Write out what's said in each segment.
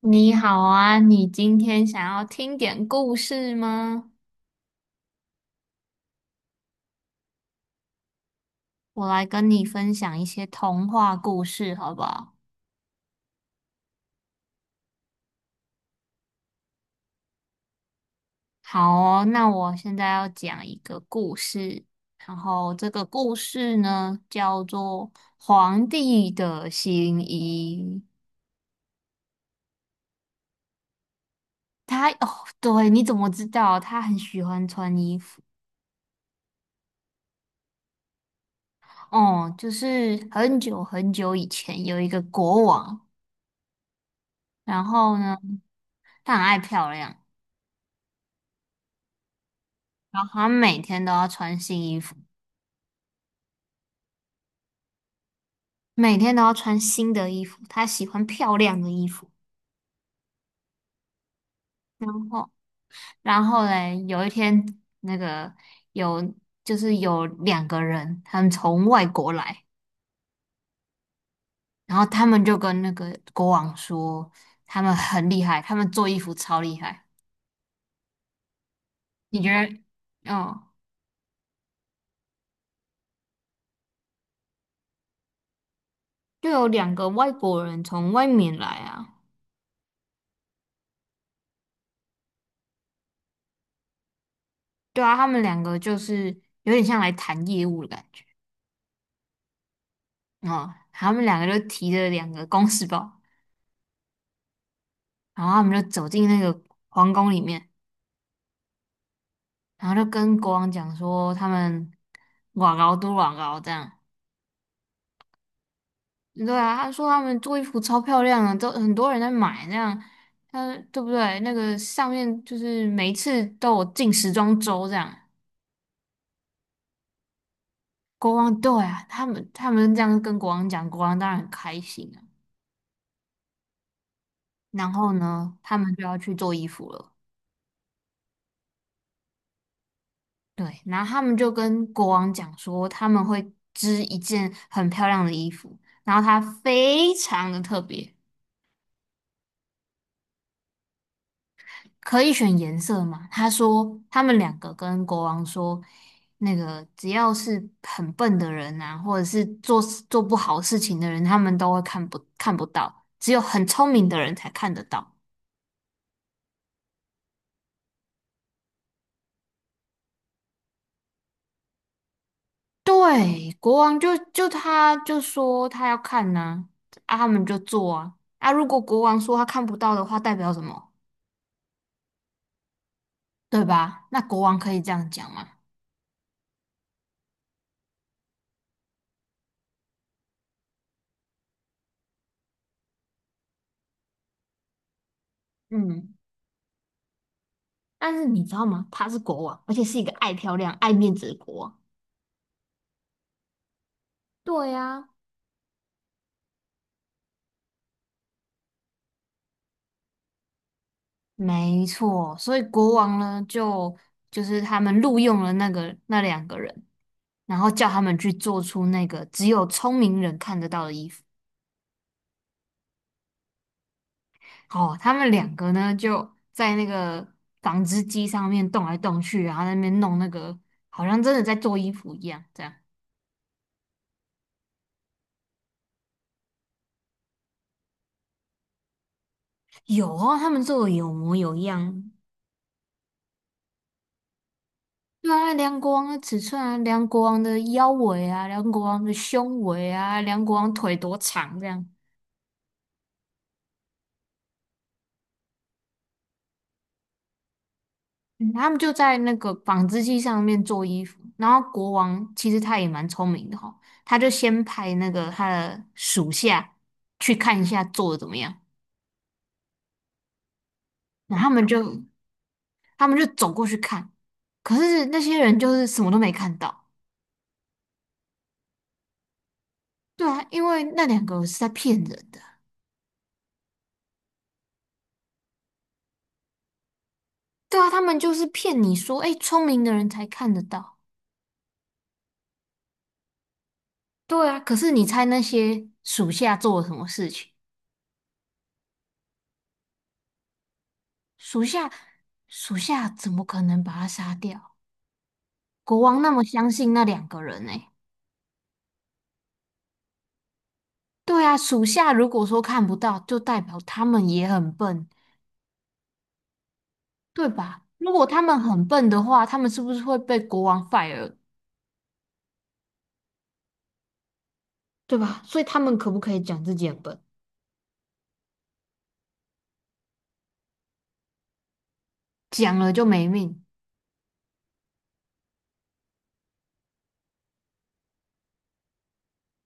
你好啊，你今天想要听点故事吗？我来跟你分享一些童话故事，好不好？好哦，那我现在要讲一个故事，然后这个故事呢叫做《皇帝的新衣》。他哦，对，你怎么知道？他很喜欢穿衣服。哦，就是很久很久以前有一个国王，然后呢，他很爱漂亮。然后他每天都要穿新衣服，每天都要穿新的衣服。他喜欢漂亮的衣服。然后，然后嘞，有一天，那个有就是有两个人，他们从外国来，然后他们就跟那个国王说，他们很厉害，他们做衣服超厉害。你觉得？哦，就有两个外国人从外面来啊。对啊，他们两个就是有点像来谈业务的感觉。哦，他们两个就提着两个公事包。然后他们就走进那个皇宫里面，然后就跟国王讲说他们瓦高都瓦高这样。对啊，他说他们做衣服超漂亮的，都很多人在买这样。他对不对？那个上面就是每一次都有进时装周这样。国王对啊，他们这样跟国王讲，国王当然很开心啊。然后呢，他们就要去做衣服了。对，然后他们就跟国王讲说他们会织一件很漂亮的衣服，然后它非常的特别，可以选颜色嘛？他说他们两个跟国王说，那个只要是很笨的人啊，或者是做不好事情的人，他们都会看不到，只有很聪明的人才看得到。对，国王就他就说他要看呐、啊，他们就做啊。啊，如果国王说他看不到的话，代表什么？对吧？那国王可以这样讲吗？嗯，但是你知道吗？他是国王，而且是一个爱漂亮、爱面子的国王。对呀、没错，所以国王呢，就是他们录用了那两个人，然后叫他们去做出那个只有聪明人看得到的衣服。哦，他们两个呢就在那个纺织机上面动来动去，然后在那边弄那个，好像真的在做衣服一样。这样有哦，他们做的有模有样，对啊，量国王的尺寸啊，量国王的腰围啊，量国王的胸围啊，量国王腿多长这样。嗯他们就在那个纺织机上面做衣服。然后国王其实他也蛮聪明的哈、他就先派那个他的属下去看一下做的怎么样。然后他们就走过去看，可是那些人就是什么都没看到。对啊，因为那两个是在骗人的。对啊，他们就是骗你说，哎，聪明的人才看得到。对啊，可是你猜那些属下做了什么事情？属下，属下怎么可能把他杀掉？国王那么相信那两个人呢、对啊，属下如果说看不到，就代表他们也很笨，对吧？如果他们很笨的话，他们是不是会被国王 fire，对吧？所以他们可不可以讲自己很笨？讲了就没命，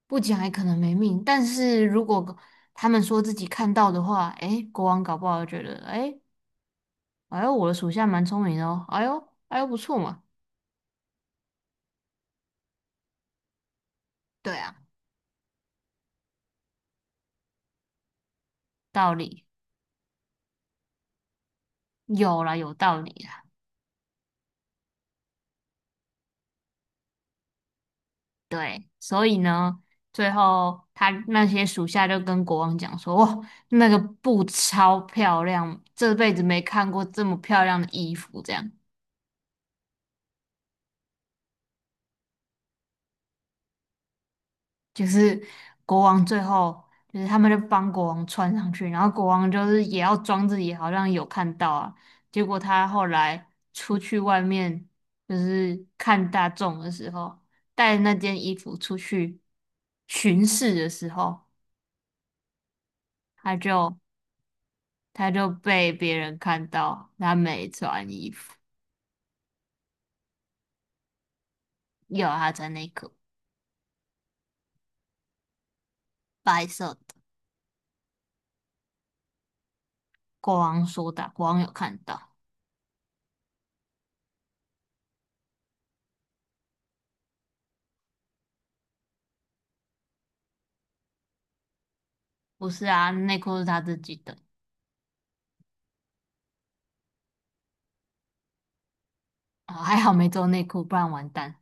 不讲也可能没命。但是如果他们说自己看到的话，诶，国王搞不好觉得，诶。哎呦，我的属下蛮聪明的哦。哎呦，哎呦，不错嘛，对啊，道理有啦，有道理啦。对，所以呢，最后他那些属下就跟国王讲说：“哇，那个布超漂亮，这辈子没看过这么漂亮的衣服。”这样。就是国王最后就是他们就帮国王穿上去，然后国王就是也要装自己好像有看到啊，结果他后来出去外面就是看大众的时候，带那件衣服出去巡视的时候，他就他就被别人看到他没穿衣服，有他穿内裤，白色的。国王说的，国王有看到，不是啊，内裤是他自己的。啊，还好没做内裤，不然完蛋。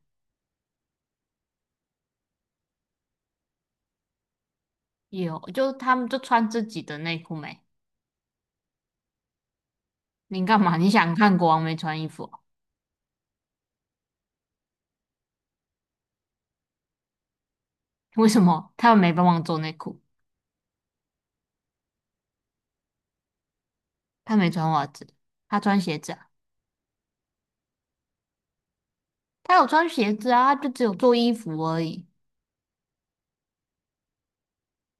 有，就他们就穿自己的内裤没？你干嘛？你想看国王没穿衣服哦为什么他们没帮忙做内裤？他没穿袜子，他穿鞋子啊？他有穿鞋子啊，他就只有做衣服而已。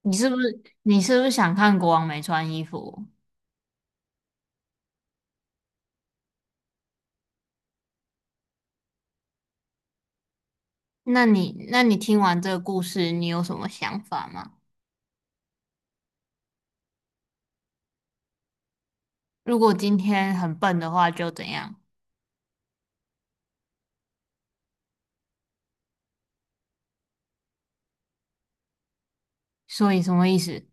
你是不是想看国王没穿衣服？那你听完这个故事，你有什么想法吗？如果今天很笨的话，就怎样？所以什么意思？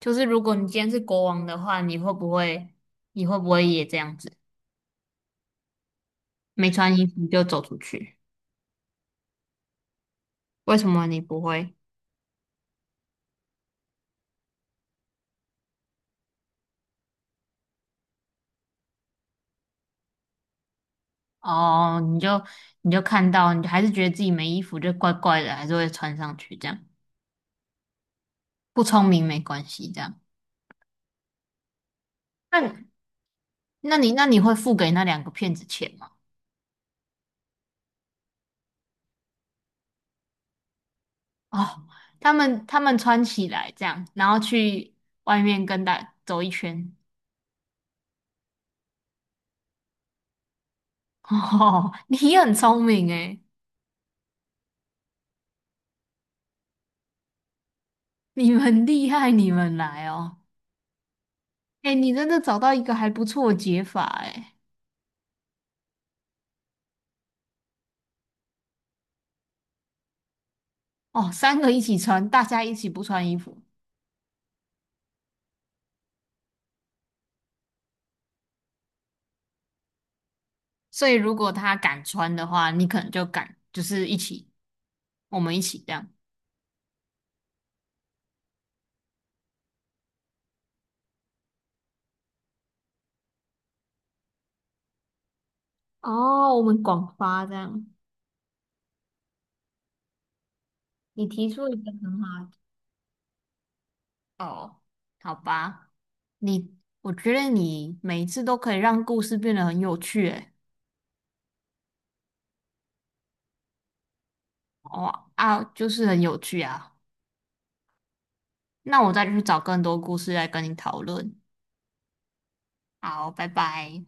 就是如果你今天是国王的话，你会不会也这样子，没穿衣服就走出去？为什么你不会？哦，你就看到，你还是觉得自己没衣服就怪怪的，还是会穿上去这样。不聪明没关系，这样。那你那你会付给那两个骗子钱吗？哦，他们穿起来这样，然后去外面跟大走一圈。哦，你很聪明诶，你们厉害，你们来哦。诶，你真的找到一个还不错的解法诶。哦，三个一起穿，大家一起不穿衣服。所以如果他敢穿的话，你可能就敢，就是一起，我们一起这样。哦，我们广发这样，你提出一个很好的，哦，好吧，你，我觉得你每一次都可以让故事变得很有趣，诶，哦啊，就是很有趣啊。那我再去找更多故事来跟你讨论。好，拜拜。